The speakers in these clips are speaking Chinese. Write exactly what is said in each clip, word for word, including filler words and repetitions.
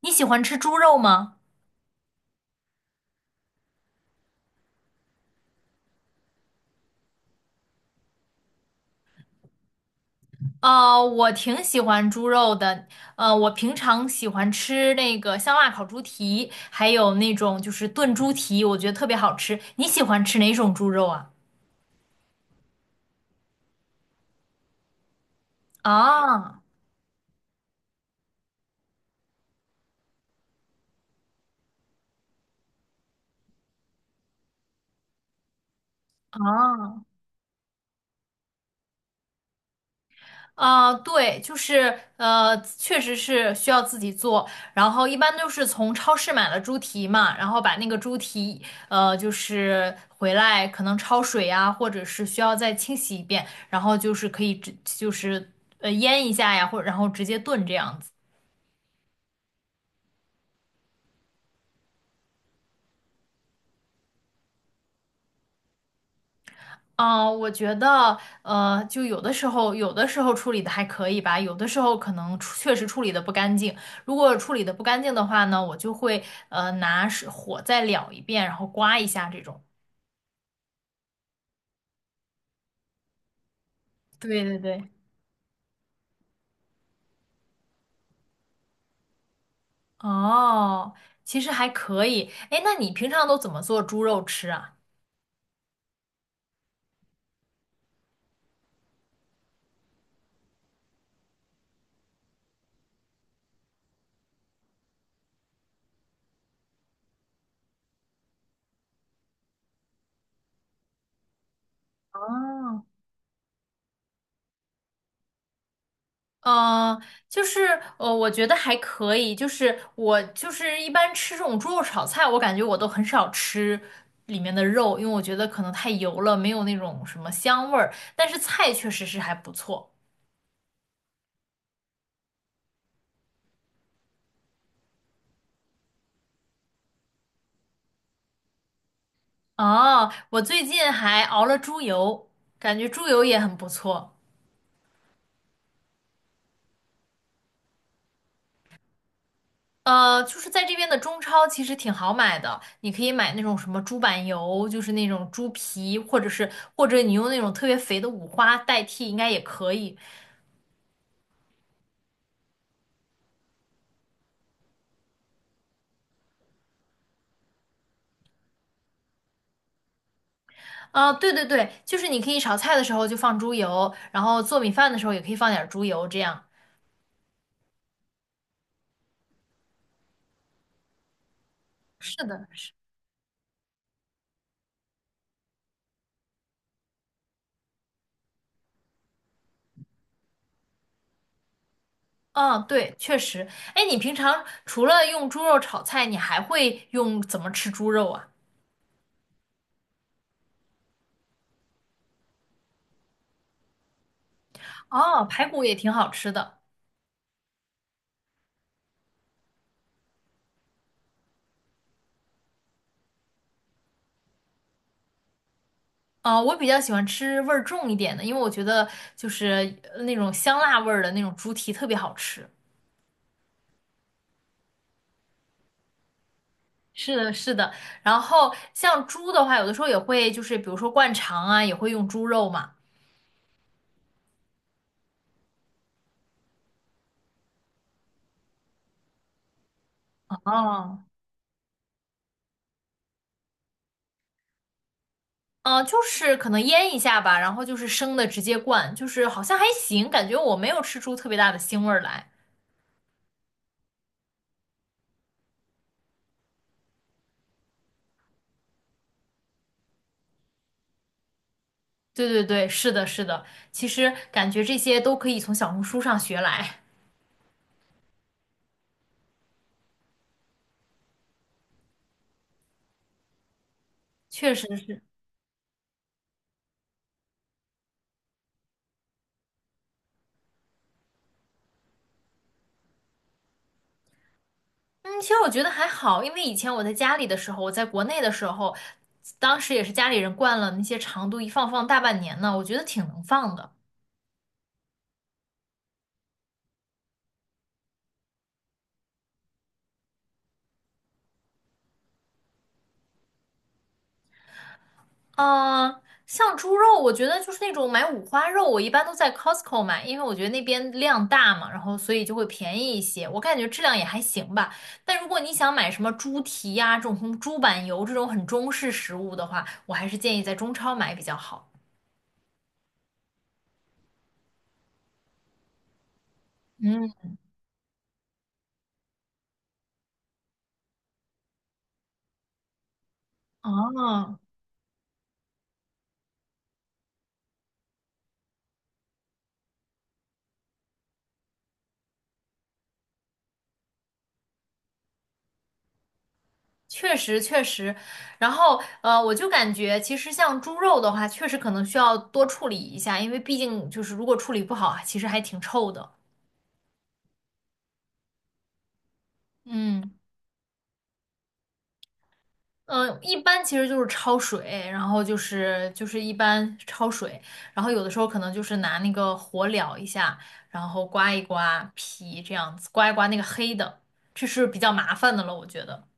你喜欢吃猪肉吗？呃，我挺喜欢猪肉的。呃，我平常喜欢吃那个香辣烤猪蹄，还有那种就是炖猪蹄，我觉得特别好吃。你喜欢吃哪种猪肉啊？啊啊，啊，对，就是呃，确实是需要自己做，然后一般都是从超市买了猪蹄嘛，然后把那个猪蹄呃，就是回来可能焯水呀，或者是需要再清洗一遍，然后就是可以直就是呃腌一下呀，或然后直接炖这样子。嗯，我觉得，呃，就有的时候，有的时候处理的还可以吧，有的时候可能处确实处理的不干净。如果处理的不干净的话呢，我就会呃拿是火再燎一遍，然后刮一下这种。对对对。哦，其实还可以。哎，那你平常都怎么做猪肉吃啊？哦，嗯，呃就是呃，我觉得还可以。就是我就是一般吃这种猪肉炒菜，我感觉我都很少吃里面的肉，因为我觉得可能太油了，没有那种什么香味儿。但是菜确实是还不错。哦，我最近还熬了猪油，感觉猪油也很不错。呃，就是在这边的中超其实挺好买的，你可以买那种什么猪板油，就是那种猪皮，或者是或者你用那种特别肥的五花代替，应该也可以。啊，对对对，就是你可以炒菜的时候就放猪油，然后做米饭的时候也可以放点儿猪油，这样。是的，是，嗯，对，确实。哎，你平常除了用猪肉炒菜，你还会用怎么吃猪肉啊？哦，排骨也挺好吃的。啊，我比较喜欢吃味儿重一点的，因为我觉得就是呃那种香辣味儿的那种猪蹄特别好吃。是的，是的。然后像猪的话，有的时候也会就是比如说灌肠啊，也会用猪肉嘛。哦呃，就是可能腌一下吧，然后就是生的直接灌，就是好像还行，感觉我没有吃出特别大的腥味儿来。对对对，是的，是的，其实感觉这些都可以从小红书上学来，确实是。嗯，其实我觉得还好，因为以前我在家里的时候，我在国内的时候，当时也是家里人灌了那些长度，一放放大半年呢，我觉得挺能放的。呃，像猪肉，我觉得就是那种买五花肉，我一般都在 Costco 买，因为我觉得那边量大嘛，然后所以就会便宜一些。我感觉质量也还行吧。但如果你想买什么猪蹄呀、这种猪板油这种很中式食物的话，我还是建议在中超买比较好。嗯，哦，确实确实。然后呃，我就感觉其实像猪肉的话，确实可能需要多处理一下，因为毕竟就是如果处理不好啊，其实还挺臭的。嗯。嗯，一般其实就是焯水，然后就是就是一般焯水，然后有的时候可能就是拿那个火燎一下，然后刮一刮皮这样子，刮一刮那个黑的，这是比较麻烦的了，我觉得。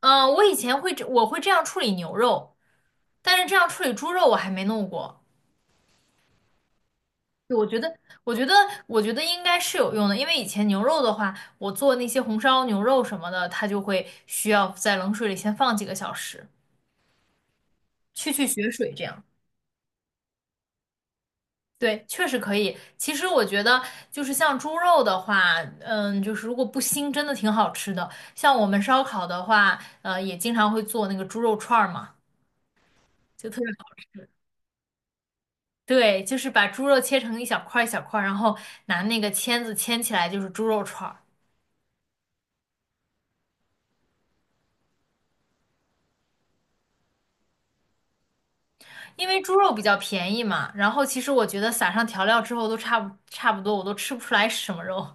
嗯，我以前会这我会这样处理牛肉，但是这样处理猪肉我还没弄过。我觉得，我觉得，我觉得应该是有用的，因为以前牛肉的话，我做那些红烧牛肉什么的，它就会需要在冷水里先放几个小时，去去血水这样。对，确实可以。其实我觉得，就是像猪肉的话，嗯，就是如果不腥，真的挺好吃的。像我们烧烤的话，呃，也经常会做那个猪肉串儿嘛，就特别好吃。对，就是把猪肉切成一小块儿一小块儿，然后拿那个签子签起来，就是猪肉串儿。因为猪肉比较便宜嘛，然后其实我觉得撒上调料之后都差不差不多，我都吃不出来是什么肉。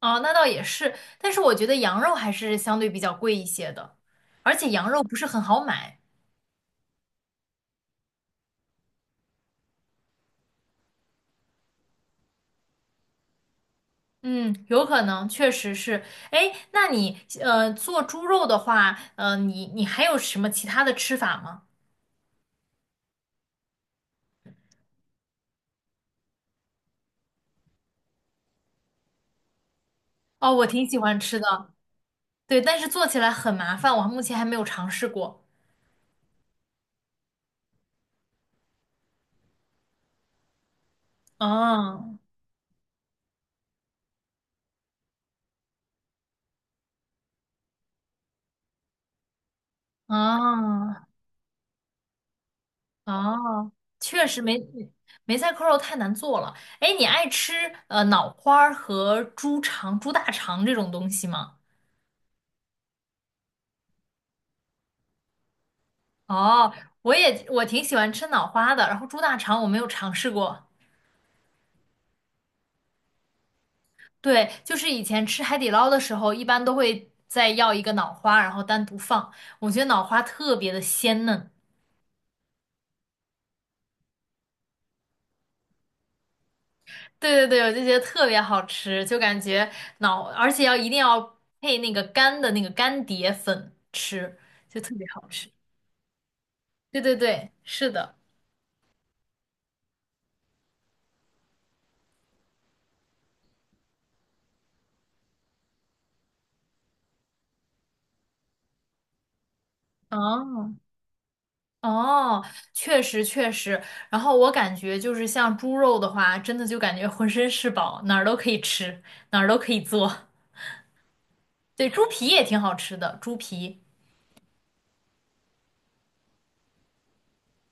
哦，那倒也是，但是我觉得羊肉还是相对比较贵一些的，而且羊肉不是很好买。嗯，有可能，确实是。哎，那你呃做猪肉的话，呃，你你还有什么其他的吃法吗？哦，我挺喜欢吃的，对，但是做起来很麻烦，我目前还没有尝试过。哦，哦，哦，确实梅梅菜扣肉太难做了。哎，你爱吃呃脑花儿和猪肠、猪大肠这种东西吗？哦，我也我挺喜欢吃脑花的，然后猪大肠我没有尝试过。对，就是以前吃海底捞的时候，一般都会再要一个脑花，然后单独放。我觉得脑花特别的鲜嫩，对对对，我就觉得特别好吃，就感觉脑，而且要一定要配那个干的那个干碟粉吃，就特别好吃。对对对，是的。哦哦，确实确实。然后我感觉就是像猪肉的话，真的就感觉浑身是宝，哪儿都可以吃，哪儿都可以做。对，猪皮也挺好吃的，猪皮。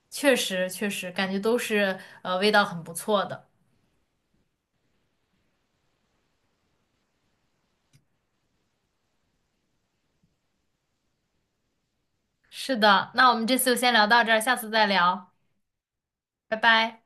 确实确实，感觉都是呃味道很不错的。是的，那我们这次就先聊到这儿，下次再聊，拜拜。